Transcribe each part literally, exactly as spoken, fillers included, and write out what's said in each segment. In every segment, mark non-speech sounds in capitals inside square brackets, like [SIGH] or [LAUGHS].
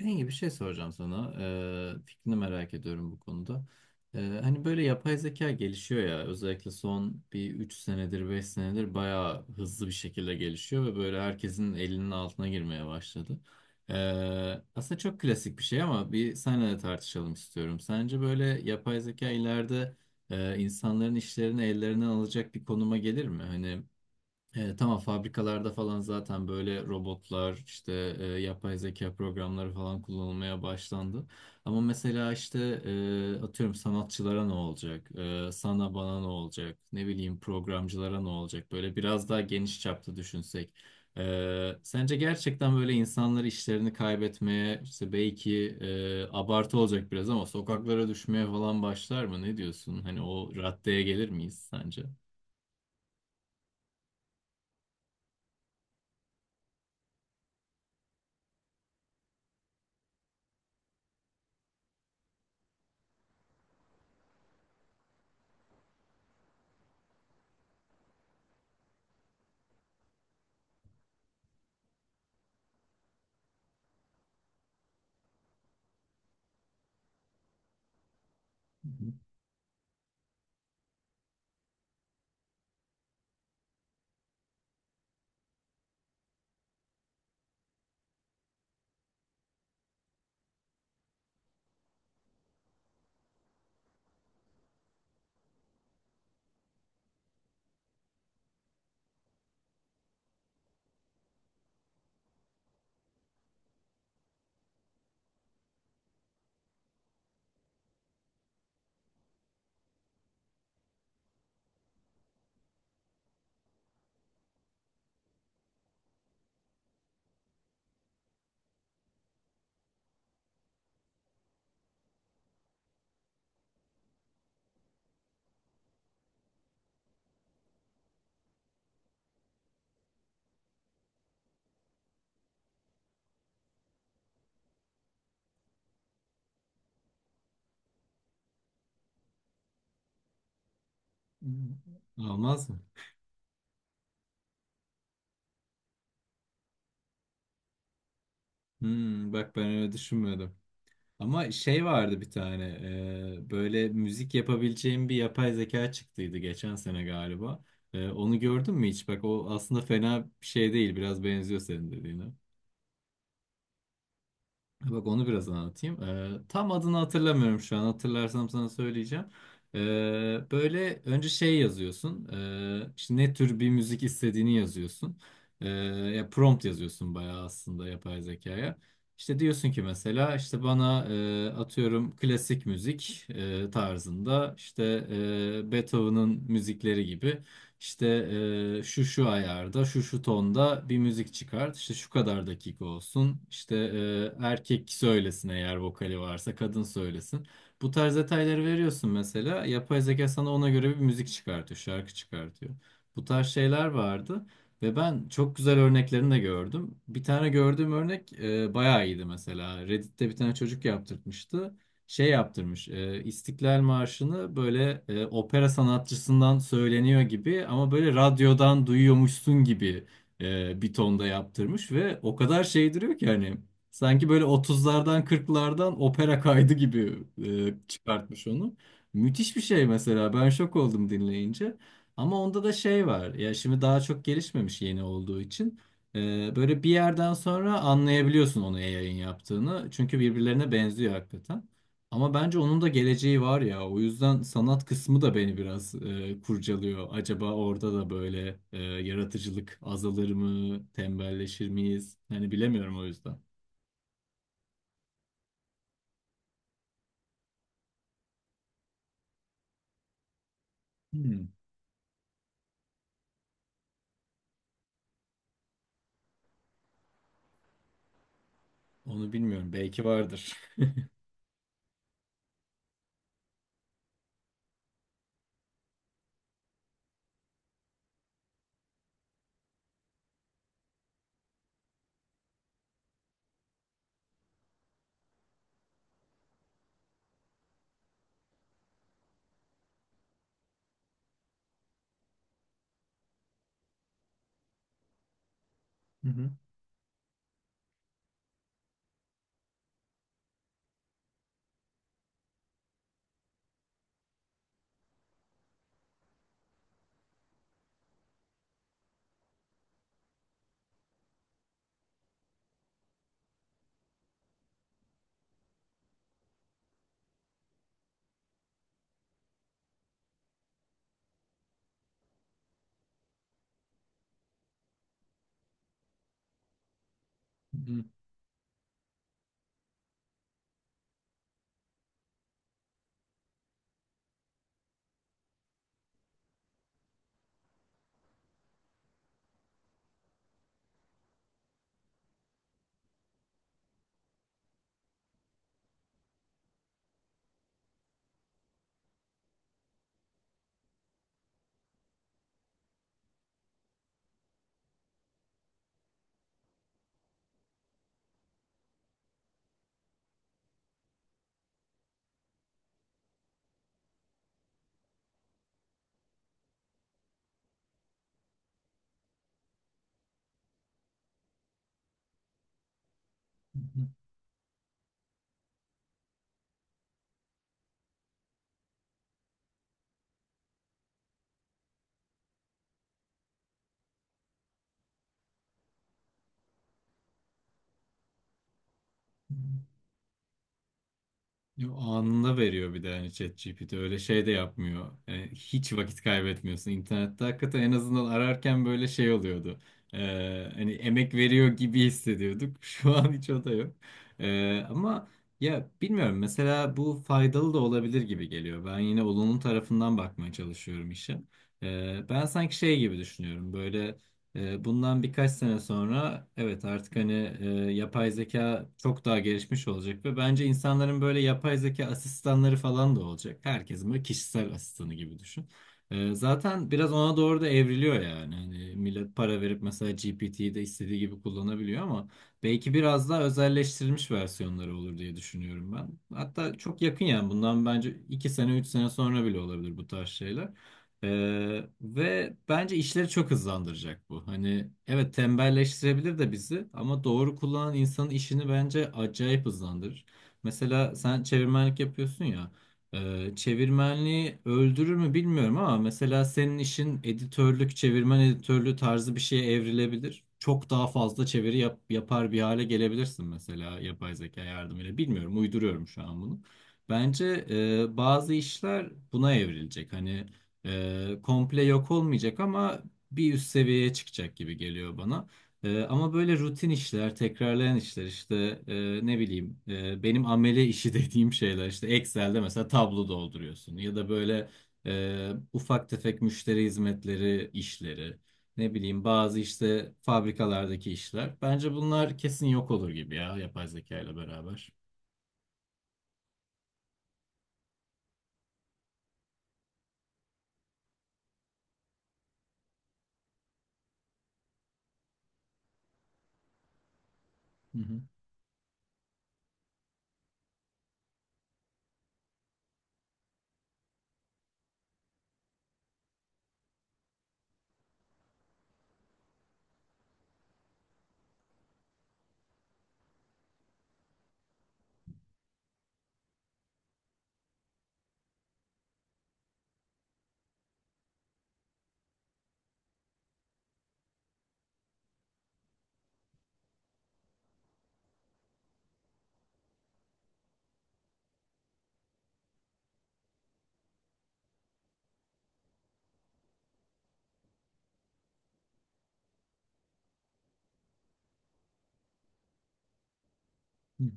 Bengi bir şey soracağım sana. Ee, fikrini merak ediyorum bu konuda. Ee, hani böyle yapay zeka gelişiyor ya özellikle son bir üç senedir beş senedir bayağı hızlı bir şekilde gelişiyor ve böyle herkesin elinin altına girmeye başladı. Ee, aslında çok klasik bir şey ama bir seninle de tartışalım istiyorum. Sence böyle yapay zeka ileride e, insanların işlerini ellerinden alacak bir konuma gelir mi? Hani e, tamam fabrikalarda falan zaten böyle robotlar işte e, yapay zeka programları falan kullanılmaya başlandı. Ama mesela işte e, atıyorum sanatçılara ne olacak? E, sana bana ne olacak? Ne bileyim programcılara ne olacak? Böyle biraz daha geniş çapta düşünsek. E, sence gerçekten böyle insanlar işlerini kaybetmeye işte belki e, abartı olacak biraz ama sokaklara düşmeye falan başlar mı? Ne diyorsun? Hani o raddeye gelir miyiz sence? Hı hı. Almaz mı? Hmm, bak ben öyle düşünmüyordum. Ama şey vardı bir tane e, böyle müzik yapabileceğim bir yapay zeka çıktıydı geçen sene galiba. E, onu gördün mü hiç? Bak o aslında fena bir şey değil. Biraz benziyor senin dediğine. Bak onu biraz anlatayım. Ee, tam adını hatırlamıyorum şu an. Hatırlarsam sana söyleyeceğim. Ee, böyle önce şey yazıyorsun. Ee, işte ne tür bir müzik istediğini yazıyorsun. Ee, ya prompt yazıyorsun bayağı aslında yapay zekaya. İşte diyorsun ki mesela işte bana e, atıyorum klasik müzik e, tarzında işte e, Beethoven'ın müzikleri gibi işte eee, şu şu ayarda, şu şu tonda bir müzik çıkart. İşte şu kadar dakika olsun. İşte eee, erkek söylesin eğer vokali varsa, kadın söylesin. Bu tarz detayları veriyorsun mesela. Yapay zeka sana ona göre bir müzik çıkartıyor, şarkı çıkartıyor. Bu tarz şeyler vardı. Ve ben çok güzel örneklerini de gördüm. Bir tane gördüğüm örnek eee bayağı iyiydi mesela. Reddit'te bir tane çocuk yaptırtmıştı şey yaptırmış. e, İstiklal Marşı'nı böyle e, opera sanatçısından söyleniyor gibi ama böyle radyodan duyuyormuşsun gibi e, bir tonda yaptırmış ve o kadar şey duruyor ki hani sanki böyle otuzlardan kırklardan opera kaydı gibi e, çıkartmış onu. Müthiş bir şey mesela. Ben şok oldum dinleyince. Ama onda da şey var. Ya şimdi daha çok gelişmemiş yeni olduğu için. Ee, Böyle bir yerden sonra anlayabiliyorsun onu yayın yaptığını. Çünkü birbirlerine benziyor hakikaten. Ama bence onun da geleceği var ya. O yüzden sanat kısmı da beni biraz e, kurcalıyor. Acaba orada da böyle e, yaratıcılık azalır mı? Tembelleşir miyiz? Yani bilemiyorum o yüzden. Hmm, Onu bilmiyorum. Belki vardır. Hı hı. Hı hı. Yo, anında veriyor bir de hani ChatGPT öyle şey de yapmıyor. Yani hiç vakit kaybetmiyorsun. İnternette hakikaten en azından ararken böyle şey oluyordu. Ee, hani emek veriyor gibi hissediyorduk. [LAUGHS] Şu an hiç o da yok. Ee, ama ya bilmiyorum mesela bu faydalı da olabilir gibi geliyor. Ben yine olumlu tarafından bakmaya çalışıyorum işe. Ee, ben sanki şey gibi düşünüyorum böyle e, Bundan birkaç sene sonra evet artık hani e, yapay zeka çok daha gelişmiş olacak ve bence insanların böyle yapay zeka asistanları falan da olacak. Herkesin böyle kişisel asistanı gibi düşün. E, Zaten biraz ona doğru da evriliyor yani. Hani millet para verip mesela G P T'yi de istediği gibi kullanabiliyor ama belki biraz daha özelleştirilmiş versiyonları olur diye düşünüyorum ben. Hatta çok yakın yani bundan bence iki sene üç sene sonra bile olabilir bu tarz şeyler. Ee, ve bence işleri çok hızlandıracak bu. Hani evet tembelleştirebilir de bizi ama doğru kullanan insanın işini bence acayip hızlandırır. Mesela sen çevirmenlik yapıyorsun ya. e, çevirmenliği öldürür mü bilmiyorum ama mesela senin işin editörlük, çevirmen editörlüğü tarzı bir şeye evrilebilir. Çok daha fazla çeviri yap- yapar bir hale gelebilirsin mesela yapay zeka yardımıyla. Bilmiyorum, uyduruyorum şu an bunu. Bence e, bazı işler buna evrilecek. Hani ee, komple yok olmayacak ama bir üst seviyeye çıkacak gibi geliyor bana. Ee, ama böyle rutin işler, tekrarlayan işler işte e, ne bileyim e, benim amele işi [LAUGHS] dediğim şeyler işte Excel'de mesela tablo dolduruyorsun ya da böyle e, ufak tefek müşteri hizmetleri işleri ne bileyim bazı işte fabrikalardaki işler. Bence bunlar kesin yok olur gibi ya yapay zeka ile beraber. Hı hı. Hı hı.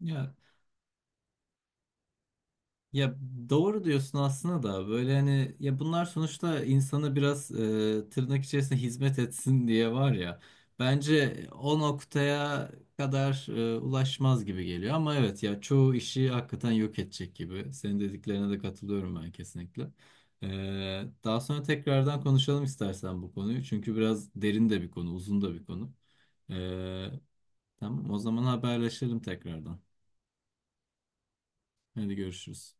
Ya Ya doğru diyorsun aslında da böyle hani ya bunlar sonuçta insanı biraz e, tırnak içerisinde hizmet etsin diye var ya. Bence o noktaya kadar e, ulaşmaz gibi geliyor ama evet ya çoğu işi hakikaten yok edecek gibi. Senin dediklerine de katılıyorum ben kesinlikle. E, daha sonra tekrardan konuşalım istersen bu konuyu. Çünkü biraz derin de bir konu, uzun da bir konu. E, tamam o zaman haberleşelim tekrardan. Hadi görüşürüz.